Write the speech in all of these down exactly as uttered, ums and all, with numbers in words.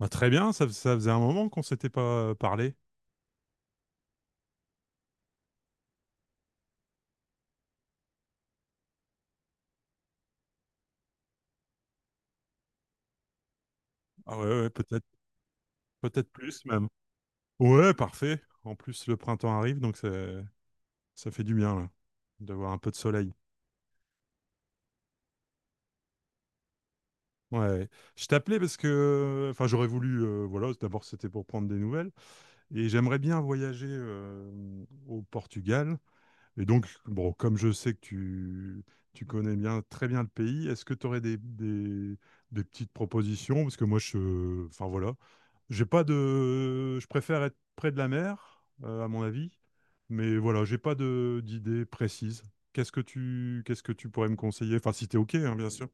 Bah, très bien, ça, ça faisait un moment qu'on s'était pas euh, parlé. Ah ouais, ouais, peut-être, peut-être plus même. Ouais, parfait. En plus, le printemps arrive, donc ça, ça fait du bien là, d'avoir un peu de soleil. Ouais, ouais. Je t'appelais parce que, enfin, j'aurais voulu, euh, voilà, d'abord c'était pour prendre des nouvelles, et j'aimerais bien voyager euh, au Portugal. Et donc, bon, comme je sais que tu, tu connais bien, très bien le pays, est-ce que tu aurais des, des, des petites propositions? Parce que moi, je, enfin voilà, j'ai pas de. Je préfère être près de la mer, euh, à mon avis. Mais voilà, j'ai pas de d'idée précise. Qu'est-ce que tu qu'est-ce que tu pourrais me conseiller? Enfin, si t'es OK, hein, bien sûr.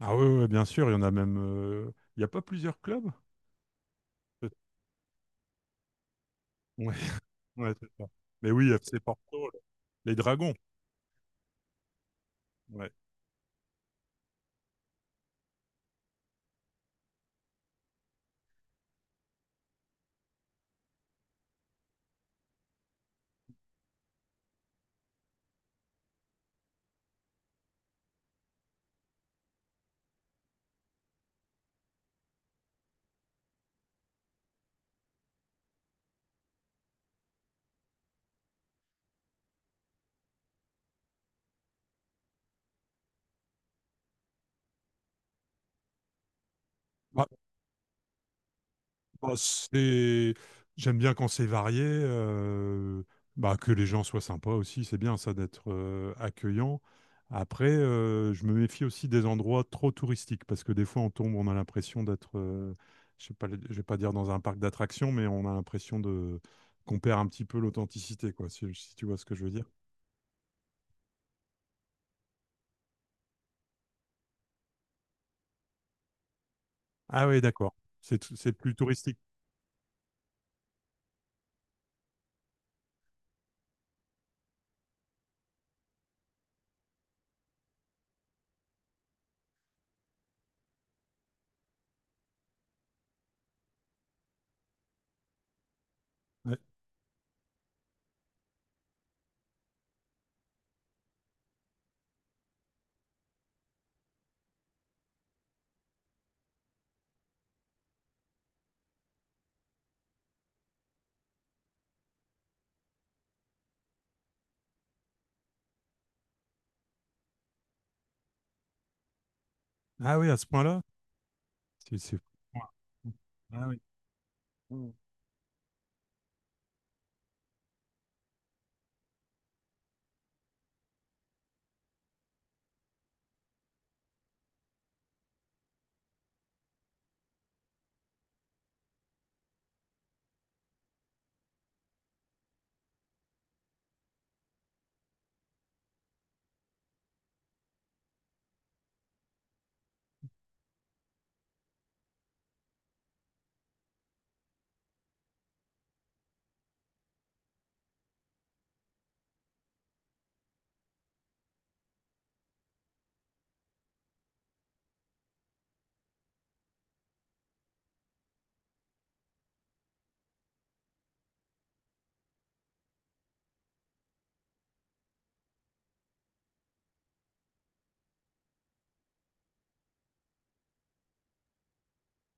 Ah oui, ouais, ouais, bien sûr, il y en a même. euh, Il n'y a pas plusieurs clubs? Peut- Ouais, ouais, c'est ça. Mais oui, F C Porto, les Dragons. Ouais. Bah, c'est- J'aime bien quand c'est varié, euh, bah, que les gens soient sympas aussi, c'est bien ça d'être euh, accueillant. Après, euh, je me méfie aussi des endroits trop touristiques parce que des fois on tombe, on a l'impression d'être, euh, je sais pas, le- je vais pas dire dans un parc d'attractions, mais on a l'impression de qu'on perd un petit peu l'authenticité, quoi, si, si tu vois ce que je veux dire. Ah oui, d'accord. C'est t- c'est plus touristique. Ouais. Ah oui, à ce point-là, c'est c'est- ouais. Ah oui.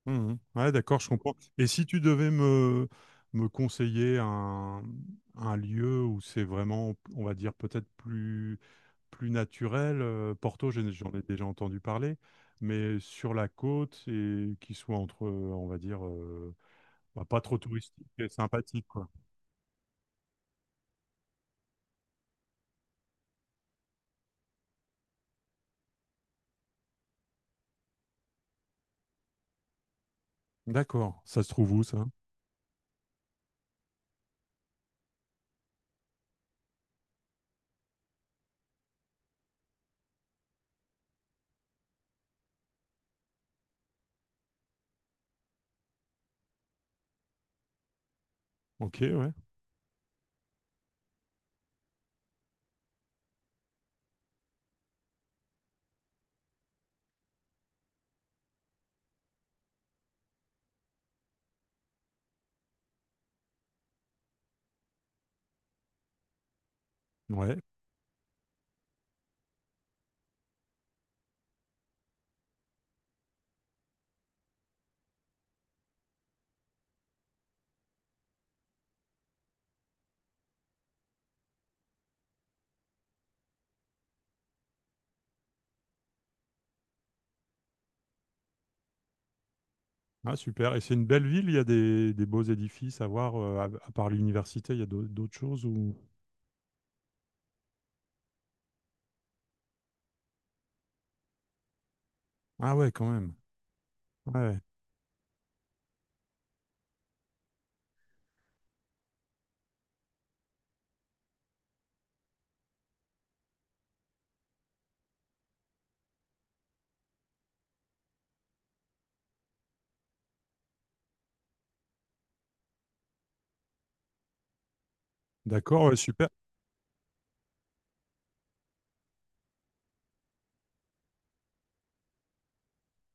Mhm. Ouais, d'accord, je comprends. Et si tu devais me, me conseiller un, un lieu où c'est vraiment, on va dire, peut-être plus, plus naturel, euh, Porto, j'en ai j'en ai déjà entendu parler, mais sur la côte et qui soit entre, euh, on va dire, euh, bah, pas trop touristique et sympathique, quoi. D'accord, ça se trouve où ça? Ok, ouais. Ouais, ah, super. Et c'est une belle ville, il y a des, des beaux édifices à voir, euh, à, à part l'université, il y a d'au- d'autres choses ou... Ah ouais, quand même. Ouais. D'accord, ouais, super.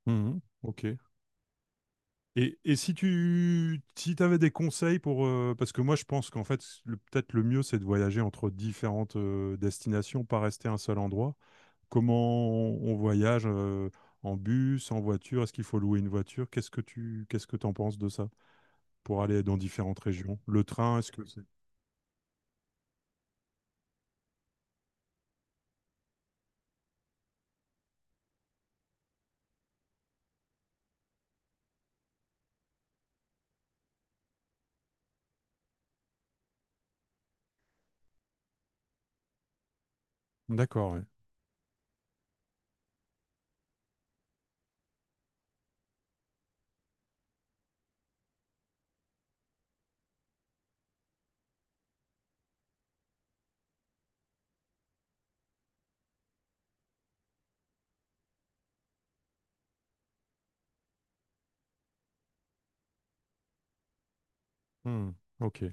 Mhm, ok. Et, et si tu si t'avais des conseils pour... euh, parce que moi, je pense qu'en fait, le- peut-être le mieux, c'est de voyager entre différentes euh, destinations, pas rester à un seul endroit. Comment on, voyage euh, en bus, en voiture? Est-ce qu'il faut louer une voiture? Qu'est-ce que tu qu'est-ce que t'en penses de ça pour aller dans différentes régions? Le train, est-ce que c'est... D'accord, ouais. Hmm, ok.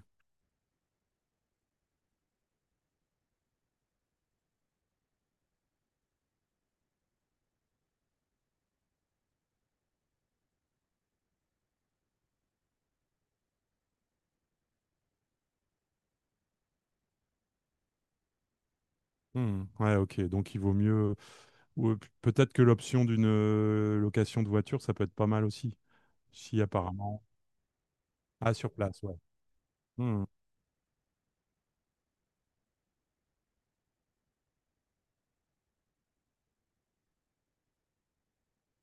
Hmm, ouais, ok. Donc, il vaut mieux... ou, euh, peut-être que l'option d'une euh, location de voiture, ça peut être pas mal aussi. Si apparemment. Ah, sur place, ouais. Hmm.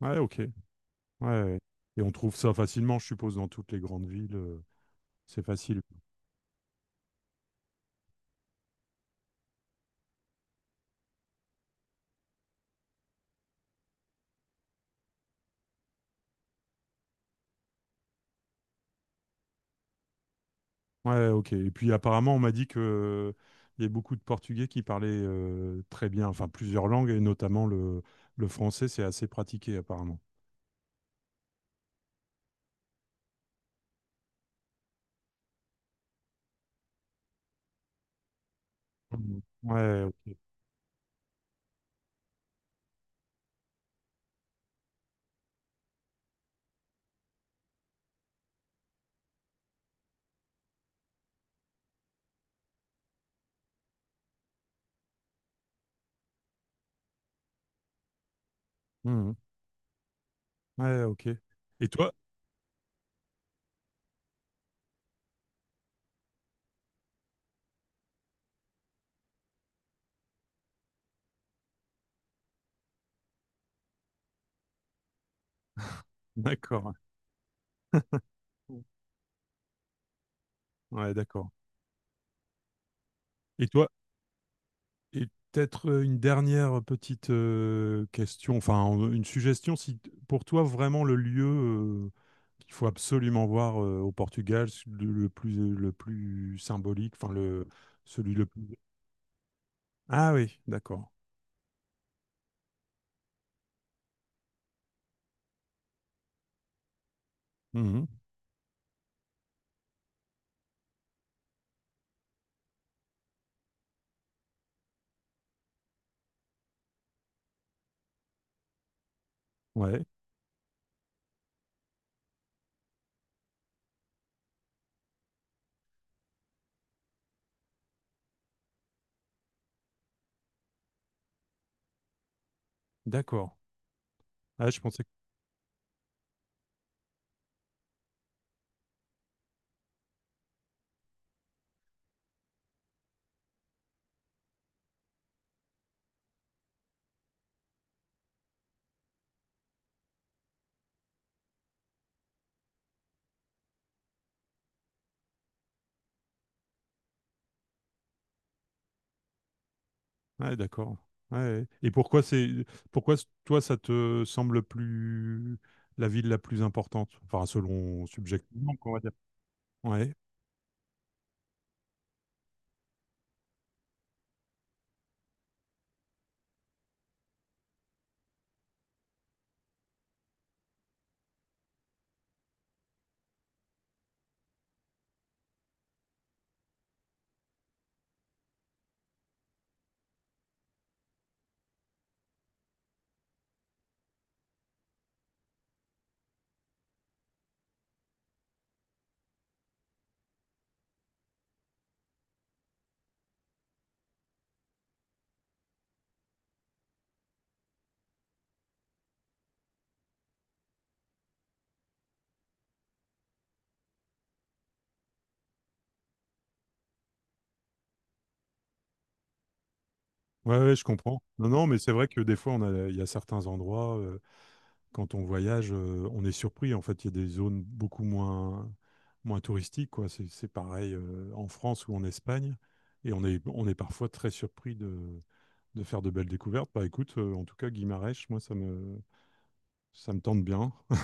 Ouais, ok. Ouais, ouais. Et on trouve ça facilement, je suppose, dans toutes les grandes villes. euh, C'est facile. Ouais, ok. Et puis apparemment, on m'a dit que euh, il y a beaucoup de Portugais qui parlaient euh, très bien, enfin plusieurs langues, et notamment le, le français, c'est assez pratiqué apparemment. Mhm. Ouais, ok. Mhm. Ouais, ok. Et toi? D'accord. Ouais, d'accord. Et toi? Et peut-être euh, une dernière petite euh, question, enfin euh, une suggestion, si t- pour toi vraiment le lieu euh, qu'il faut absolument voir euh, au Portugal, c- le, le plus euh, le plus symbolique, enfin le celui le plus. Ah oui, d'accord. Mhm. Ouais, d'accord. Ah, je pensais. que- Ouais, d'accord. Ouais. Et pourquoi c'est pourquoi c- toi ça te semble plus la ville la plus importante, enfin selon subjectivement, quoi, on va dire. Ouais. Ouais, ouais, je comprends. Non, non, mais c'est vrai que des fois, on a, il y a certains endroits, euh, quand on voyage, euh, on est surpris. En fait, il y a des zones beaucoup moins, moins touristiques, quoi. C'est, c'est pareil, euh, en France ou en Espagne. Et on est, on est parfois très surpris de, de faire de belles découvertes. Bah écoute, euh, en tout cas, Guimarães, moi, ça me, ça me tente bien.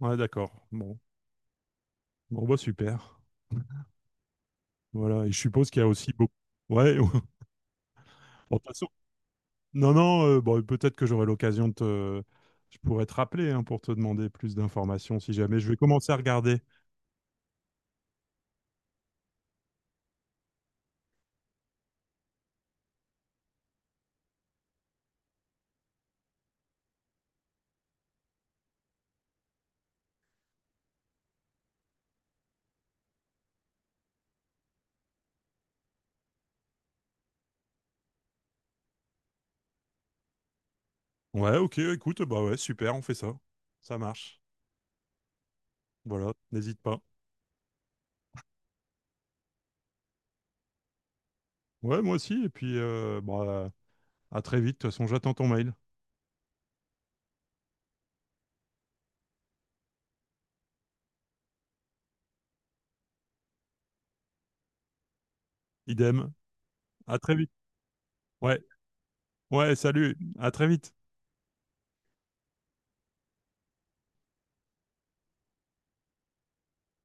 Ouais, d'accord. Bon. Bon, bah super. Voilà. Et je suppose qu'il y a aussi beaucoup. Ouais, bon, de toute façon, non, non, euh, bon, peut-être que j'aurai l'occasion de te... Je pourrais te rappeler hein, pour te demander plus d'informations si jamais je vais commencer à regarder. Ouais, ok, écoute, bah ouais, super, on fait ça. Ça marche. Voilà, n'hésite pas. Ouais, moi aussi, et puis euh, bah, à très vite, de toute façon, j'attends ton mail. Idem, à très vite. Ouais, ouais, salut, à très vite.